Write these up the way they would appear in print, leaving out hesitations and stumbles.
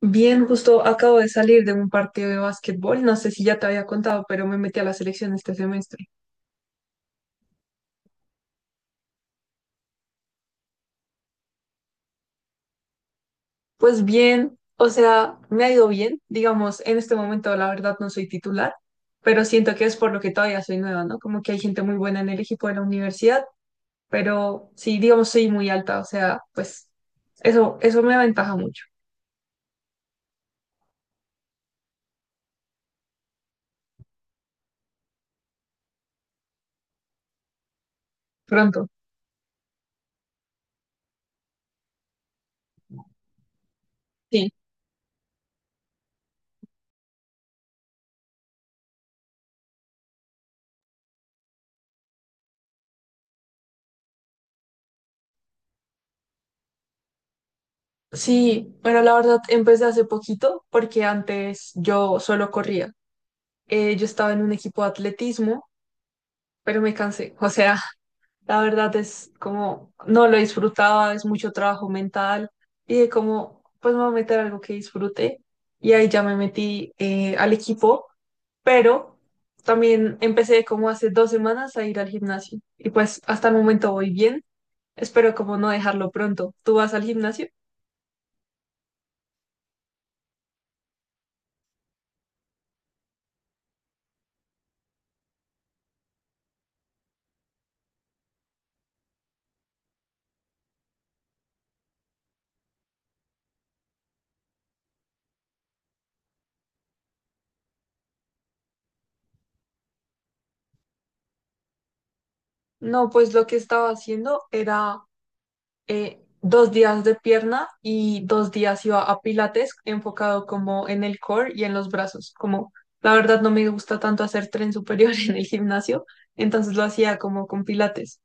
Bien, justo acabo de salir de un partido de básquetbol, no sé si ya te había contado, pero me metí a la selección este semestre. Pues bien, o sea, me ha ido bien, digamos, en este momento la verdad no soy titular, pero siento que es por lo que todavía soy nueva, ¿no? Como que hay gente muy buena en el equipo de la universidad, pero sí, digamos, soy muy alta, o sea, pues eso me aventaja mucho. Pronto. Sí. Sí, pero la verdad empecé hace poquito porque antes yo solo corría. Yo estaba en un equipo de atletismo pero me cansé. O sea, la verdad es como, no lo disfrutaba, es mucho trabajo mental. Y de como, pues me voy a meter algo que disfrute. Y ahí ya me metí al equipo, pero también empecé como hace 2 semanas a ir al gimnasio. Y pues hasta el momento voy bien. Espero como no dejarlo pronto. ¿Tú vas al gimnasio? No, pues lo que estaba haciendo era 2 días de pierna y 2 días iba a pilates enfocado como en el core y en los brazos. Como la verdad no me gusta tanto hacer tren superior en el gimnasio, entonces lo hacía como con pilates.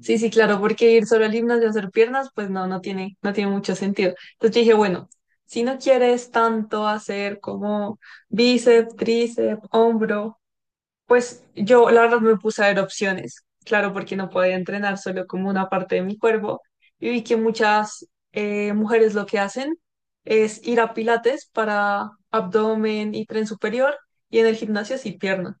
Sí, sí, claro, porque ir solo al gimnasio a hacer piernas, pues no, no tiene mucho sentido. Entonces yo dije, bueno, si no quieres tanto hacer como bíceps, tríceps, hombro, pues yo, la verdad, me puse a ver opciones, claro, porque no podía entrenar solo como una parte de mi cuerpo. Y vi que muchas mujeres lo que hacen es ir a pilates para abdomen y tren superior, y en el gimnasio sí pierna.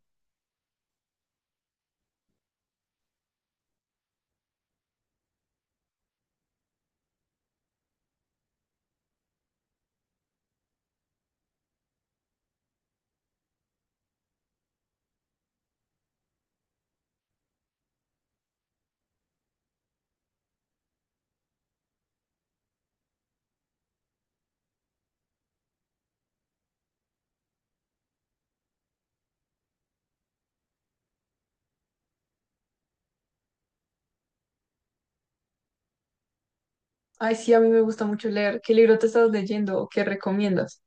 Ay, sí, a mí me gusta mucho leer. ¿Qué libro te estás leyendo o qué recomiendas?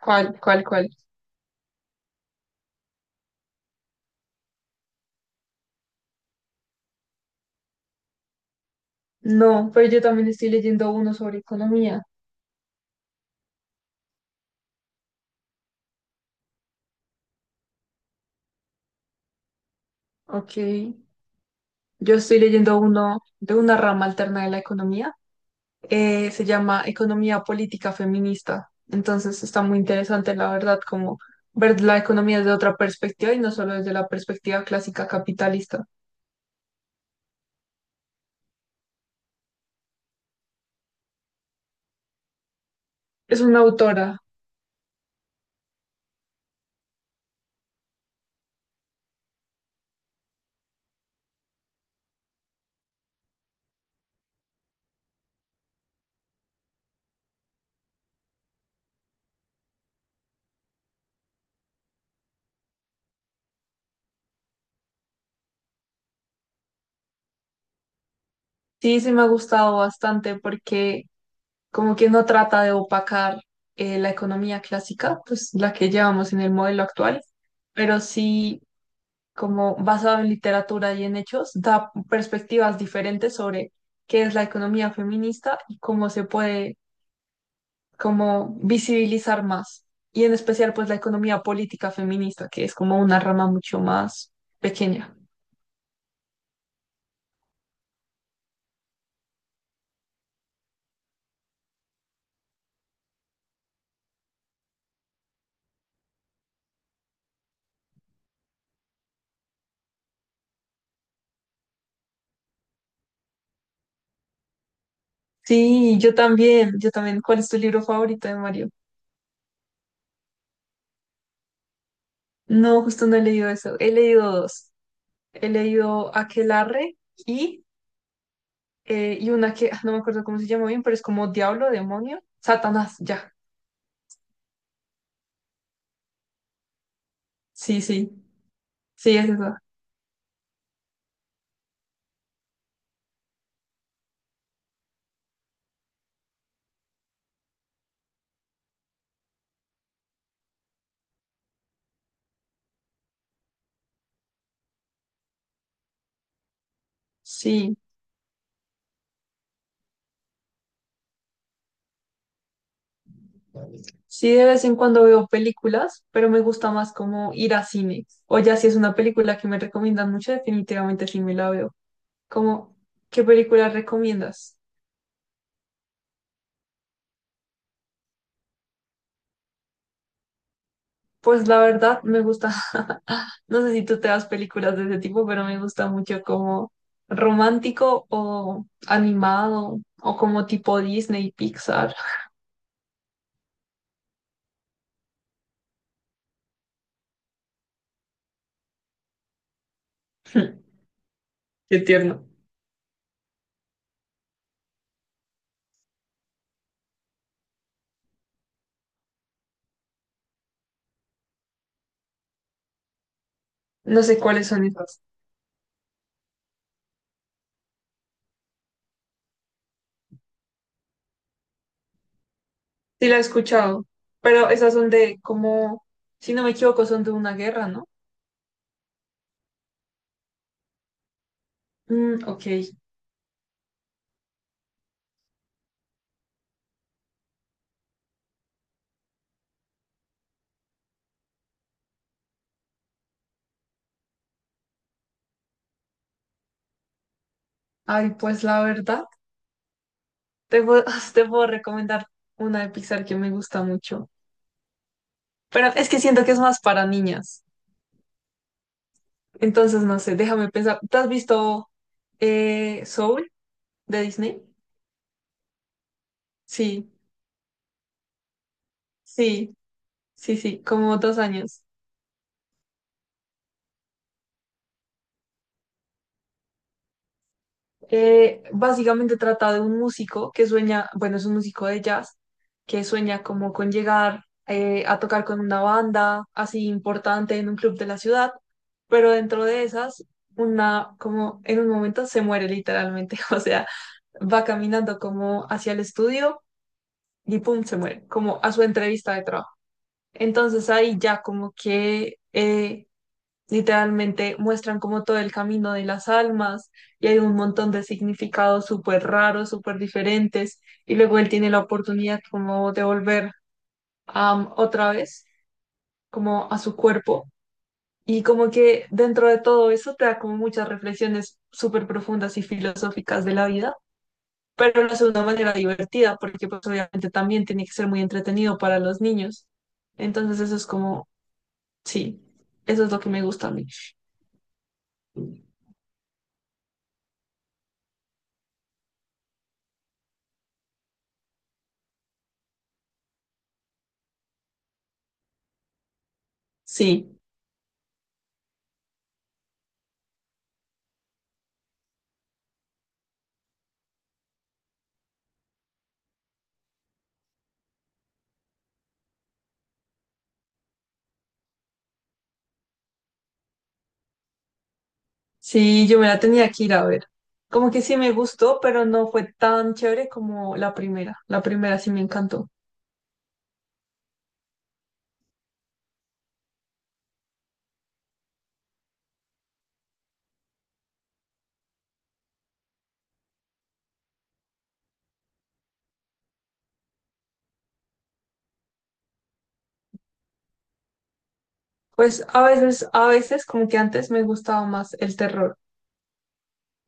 ¿Cuál, cuál, cuál? No, pero yo también estoy leyendo uno sobre economía. Ok, yo estoy leyendo uno de una rama alterna de la economía se llama Economía Política Feminista. Entonces está muy interesante, la verdad, como ver la economía desde otra perspectiva y no solo desde la perspectiva clásica capitalista. Es una autora. Sí, sí me ha gustado bastante porque como que no trata de opacar la economía clásica, pues la que llevamos en el modelo actual, pero sí como basado en literatura y en hechos, da perspectivas diferentes sobre qué es la economía feminista y cómo se puede como visibilizar más. Y en especial, pues, la economía política feminista, que es como una rama mucho más pequeña. Sí, yo también, yo también. ¿Cuál es tu libro favorito de Mario? No, justo no he leído eso. He leído dos. He leído Aquelarre y, y una que no me acuerdo cómo se llama bien, pero es como Diablo, Demonio, Satanás, ya. Sí, sí, sí, es esa. Sí. Sí, de vez en cuando veo películas, pero me gusta más como ir a cine. O ya si es una película que me recomiendan mucho, definitivamente sí me la veo. Como, ¿qué película recomiendas? Pues la verdad me gusta, no sé si tú te das películas de ese tipo, pero me gusta mucho como romántico o animado o como tipo Disney, Pixar. Qué tierno. No sé cuáles son esas. Sí la he escuchado, pero esas son de como, si no me equivoco, son de una guerra, ¿no? Mm, ok. Ay, pues la verdad, te puedo, te puedo recomendar una de Pixar que me gusta mucho. Pero es que siento que es más para niñas. Entonces, no sé, déjame pensar. ¿Te has visto Soul de Disney? Sí, sí, sí, sí, como 2 años. Básicamente trata de un músico que sueña, bueno, es un músico de jazz, que sueña como con llegar a tocar con una banda así importante en un club de la ciudad, pero dentro de esas, una, como en un momento se muere literalmente, o sea, va caminando como hacia el estudio y pum, se muere, como a su entrevista de trabajo. Entonces ahí ya como que literalmente muestran como todo el camino de las almas y hay un montón de significados súper raros, súper diferentes y luego él tiene la oportunidad como de volver otra vez como a su cuerpo y como que dentro de todo eso te da como muchas reflexiones súper profundas y filosóficas de la vida, pero lo hace de una manera divertida porque pues obviamente también tiene que ser muy entretenido para los niños. Entonces eso es como, sí, eso es lo que me gusta a mí. Sí. Sí, yo me la tenía que ir a ver. Como que sí me gustó, pero no fue tan chévere como la primera. La primera sí me encantó. Pues a veces como que antes me gustaba más el terror.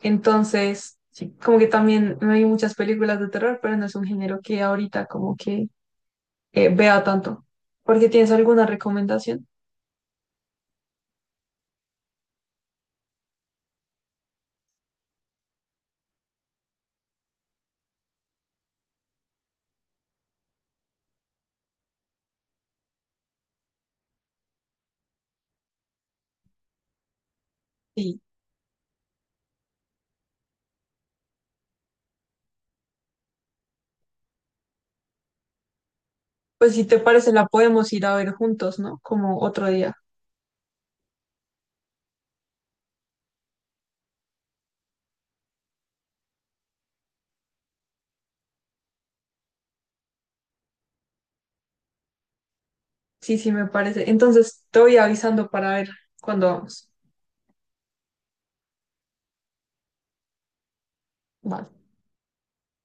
Entonces, sí, como que también me vi muchas películas de terror, pero no es un género que ahorita como que vea tanto. ¿Porque tienes alguna recomendación? Sí. Pues si te parece, la podemos ir a ver juntos, ¿no? Como otro día. Sí, sí, me parece. Entonces, te voy avisando para ver cuándo vamos. Vale.